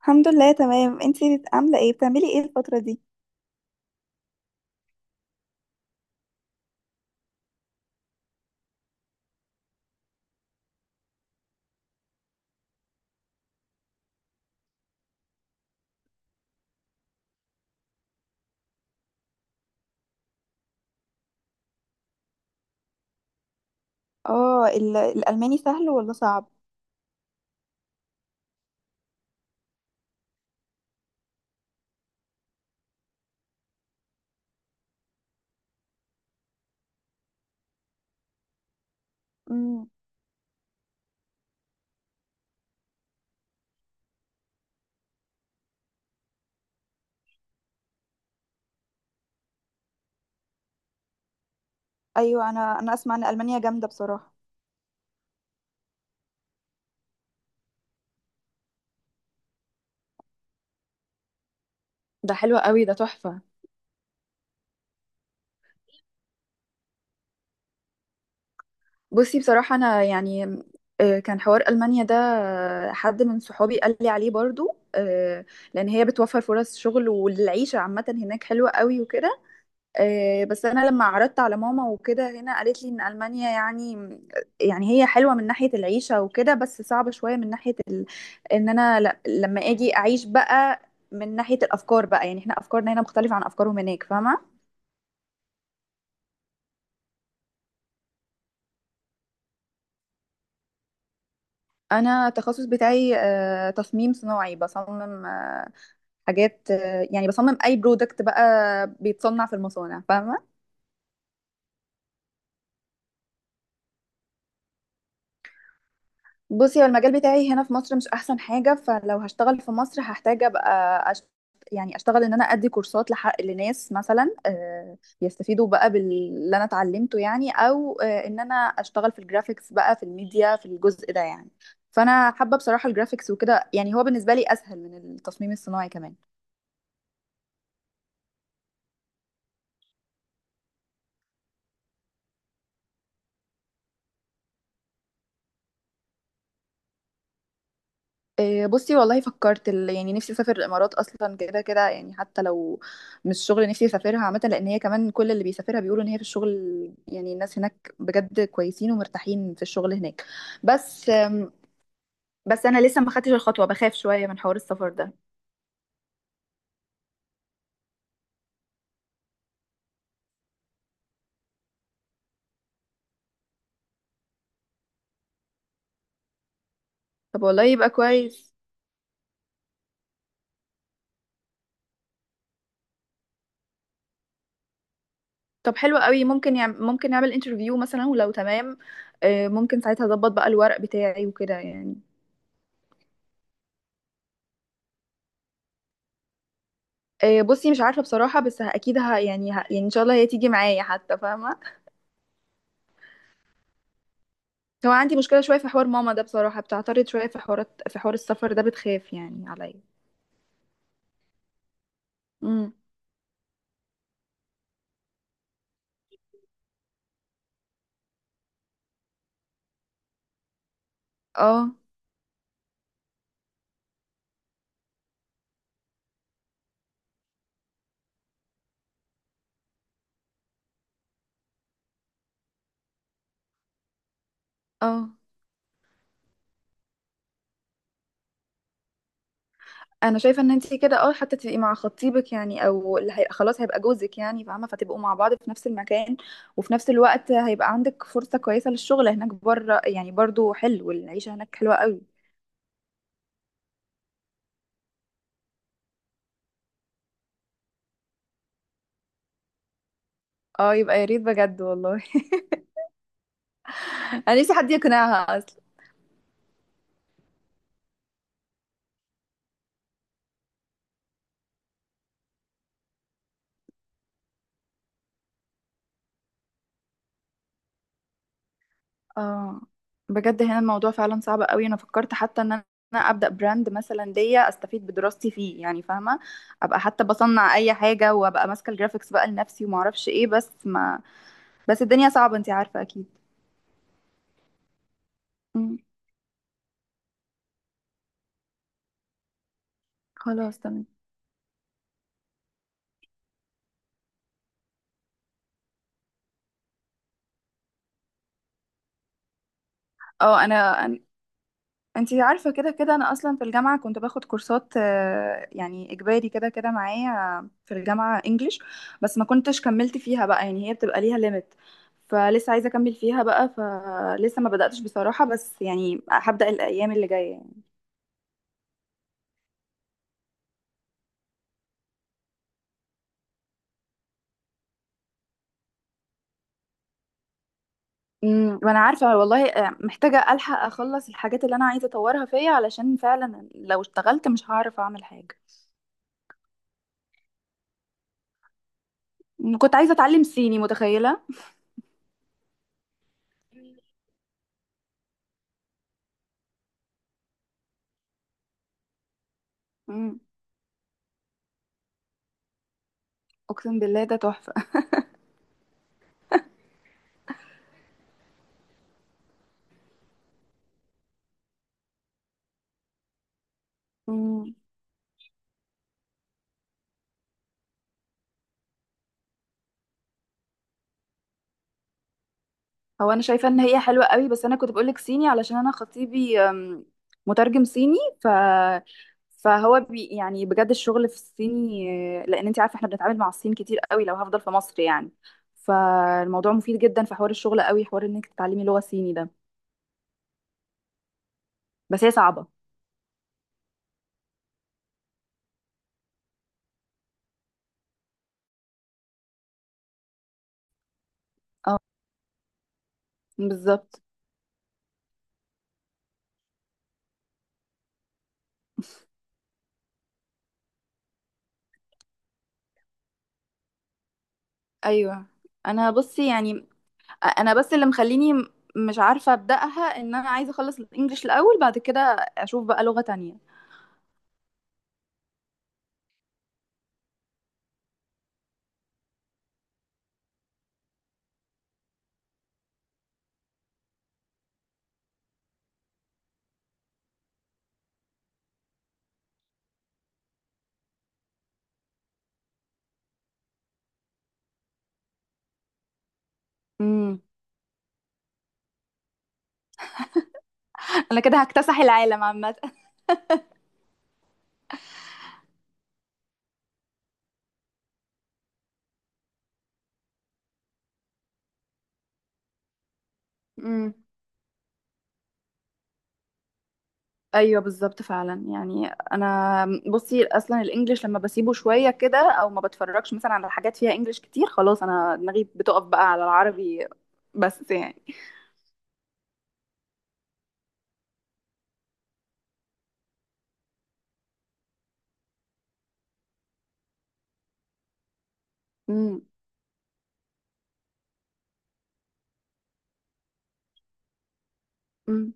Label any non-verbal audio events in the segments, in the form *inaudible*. الحمد لله، تمام. انتي عامله ايه؟ بتعملي ايه الفتره دي؟ اه، الالماني سهل ولا صعب؟ امم. ايوه، انا اسمع ان المانيا جامده بصراحه. ده حلو قوي، ده تحفه. بصي بصراحه انا كان حوار المانيا ده، حد من صحابي قال لي عليه برضو، لان هي بتوفر فرص شغل والعيشه عامه هناك حلوه قوي وكده. بس انا لما عرضت على ماما وكده هنا، قالت لي ان المانيا يعني، يعني هي حلوه من ناحيه العيشه وكده بس صعبه شويه من ناحيه ان انا لما اجي اعيش بقى، من ناحيه الافكار بقى. يعني احنا افكارنا هنا مختلفه عن افكارهم هناك، فاهمه؟ انا التخصص بتاعي تصميم صناعي. بصمم حاجات، يعني بصمم اي برودكت بقى بيتصنع في المصانع، فاهمه؟ بصي هو المجال بتاعي هنا في مصر مش احسن حاجه، فلو هشتغل في مصر هحتاج ابقى يعني اشتغل ان انا ادي كورسات لحق لناس مثلا، يستفيدوا بقى باللي انا اتعلمته يعني، او ان انا اشتغل في الجرافيكس بقى، في الميديا، في الجزء ده يعني. فانا حابه بصراحه الجرافيكس وكده، يعني هو بالنسبه لي اسهل من التصميم الصناعي كمان. إيه، بصي والله فكرت يعني نفسي اسافر الامارات اصلا، كده كده يعني حتى لو مش شغل نفسي اسافرها عامه، لان هي كمان كل اللي بيسافرها بيقولوا ان هي في الشغل، يعني الناس هناك بجد كويسين ومرتاحين في الشغل هناك. بس بس انا لسه ما خدتش الخطوه، بخاف شويه من حوار السفر ده. طب والله يبقى كويس. طب حلو قوي، ممكن ممكن نعمل انترفيو مثلا، ولو تمام، إيه، ممكن ساعتها اظبط بقى الورق بتاعي وكده يعني. إيه، بصي مش عارفه بصراحه، بس اكيد يعني يعني ان شاء الله هي تيجي معايا حتى، فاهمه؟ هو عندي مشكلة شوية في حوار ماما ده بصراحة، بتعترض شوية في حوارات، في حوار السفر ده بتخاف يعني عليا. امم. اه. اه، انا شايفة ان انتي كده اه حتى تبقي مع خطيبك يعني، او اللي هي خلاص هيبقى جوزك يعني، فاهمة؟ فتبقوا مع بعض في نفس المكان، وفي نفس الوقت هيبقى عندك فرصة كويسة للشغل هناك بره يعني، برضو حلو العيشة هناك حلوة قوي. اه يبقى يا ريت بجد والله. *laughs* انا نفسي حد يقنعها اصلا. اه بجد هنا الموضوع فعلا صعب قوي. انا فكرت حتى ان انا ابدا براند مثلا ليا استفيد بدراستي فيه يعني، فاهمه؟ ابقى حتى بصنع اي حاجه وابقى ماسكه الجرافيكس بقى لنفسي، وما اعرفش ايه. بس ما، بس الدنيا صعبه، انتي عارفه اكيد. مم. خلاص تمام. اه انا، انتي عارفة كده كده انا اصلا في الجامعة كنت باخد كورسات، يعني اجباري كده كده معايا في الجامعة انجليش، بس ما كنتش كملت فيها بقى، يعني هي بتبقى ليها ليميت. فلسه عايزة اكمل فيها بقى، فلسه ما بدأتش بصراحة، بس يعني هبدأ الايام اللي جاية يعني. امم، وانا عارفة والله، محتاجة الحق اخلص الحاجات اللي انا عايزة اطورها فيا، علشان فعلا لو اشتغلت مش هعرف اعمل حاجة. مم، كنت عايزة اتعلم صيني، متخيلة؟ امم. اقسم بالله ده تحفة. مم. هو انا شايفه ان هي حلوه قوي، بس انا كنت بقولك صيني علشان انا خطيبي مترجم صيني، فهو يعني بجد الشغل في الصيني، لان انت عارفه احنا بنتعامل مع الصين كتير قوي لو هفضل في مصر يعني. فالموضوع مفيد جدا في حوار الشغل، قوي حوار انك تتعلمي لغه صيني ده. بس هي صعبه. اه. بالظبط. ايوه. انا بصي يعني، انا بس اللي مخليني مش عارفه ابداها ان انا عايزه اخلص الانجليش الاول، بعد كده اشوف بقى لغه تانية. امم. *laughs* انا كده هكتسح العالم عامه. امم. ايوه بالظبط فعلا، يعني انا بصي اصلا الانجليش لما بسيبه شويه كده، او ما بتفرجش مثلا على حاجات فيها انجليش كتير، خلاص انا دماغي بتقف بقى على العربي، بس يعني. امم. امم.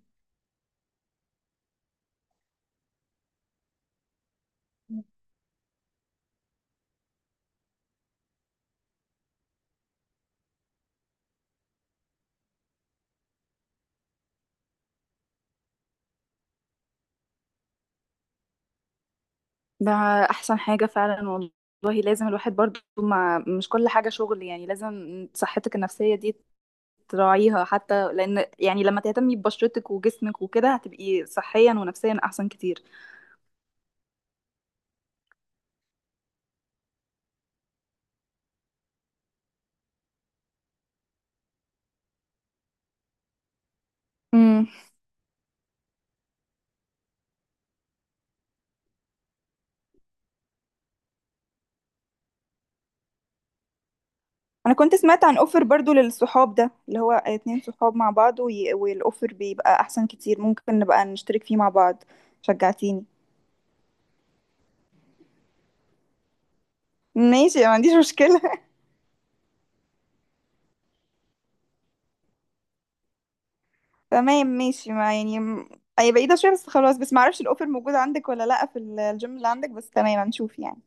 ده احسن حاجه فعلا والله. لازم الواحد برضو، ما مش كل حاجه شغل يعني، لازم صحتك النفسيه دي تراعيها حتى، لان يعني لما تهتمي ببشرتك وجسمك وكده هتبقي صحيا ونفسيا احسن كتير. انا كنت سمعت عن اوفر برضو للصحاب ده، اللي هو اتنين صحاب مع بعض والاوفر بيبقى احسن كتير، ممكن نبقى نشترك فيه مع بعض. شجعتيني. ماشي، ما عنديش مشكلة. *laughs* تمام ماشي، ما يعني م- هي بعيدة شوية بس خلاص، بس ما اعرفش الاوفر موجود عندك ولا لا في الجيم اللي عندك، بس تمام هنشوف يعني.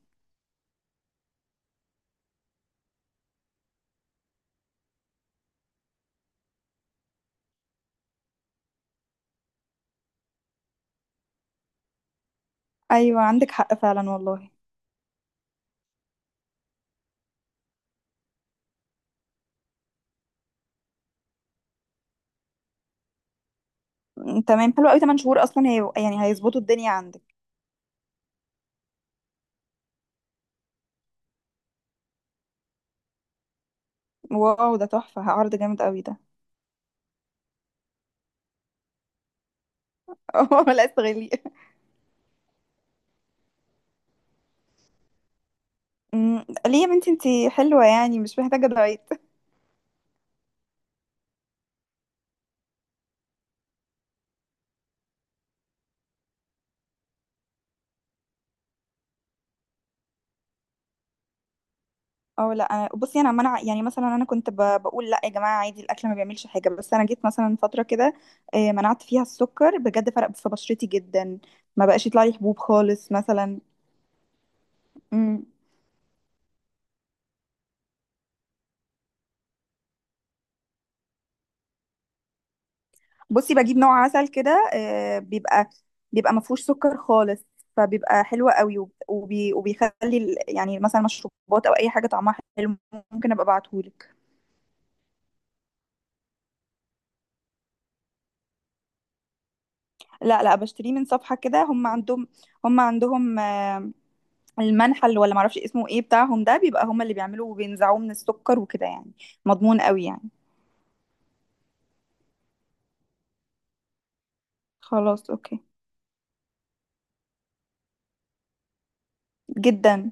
ايوه عندك حق فعلا والله. تمام حلو قوي، 8 شهور اصلا هي يعني هيظبطوا الدنيا عندك. واو ده تحفة، عرض جامد قوي ده. *laughs* لا استغليه. م، ليه يا بنتي؟ انتي حلوة يعني، مش محتاجة دايت. اه لا انا بصي انا منع، يعني مثلا انا كنت بقول لا يا جماعه عادي الاكل ما بيعملش حاجه، بس انا جيت مثلا فتره كده منعت فيها السكر، بجد فرق في بشرتي جدا، ما بقاش يطلع لي حبوب خالص مثلا. مم. بصي بجيب نوع عسل كده، بيبقى ما فيهوش سكر خالص، فبيبقى حلو قوي وبيخلي يعني مثلا مشروبات او اي حاجه طعمها حلو. ممكن ابقى ابعتهولك. لا لا بشتريه من صفحه كده، هم عندهم المنحل ولا معرفش اسمه ايه بتاعهم ده، بيبقى هما اللي بيعملوا وبينزعوه من السكر وكده يعني، مضمون قوي يعني. خلاص اوكي. جدا.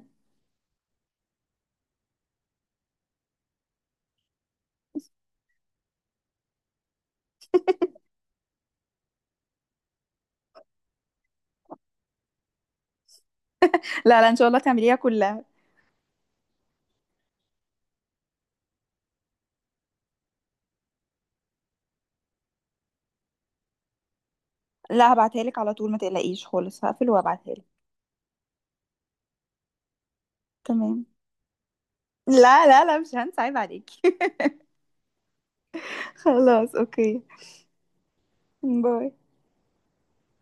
لا لا ان شاء الله تعمليها كلها. لا هبعتها لك على طول، ما تقلقيش خالص، هقفل وهبعتها لك. تمام. لا لا لا مش هنسى، عيب عليكي. *laughs* خلاص اوكي. باي.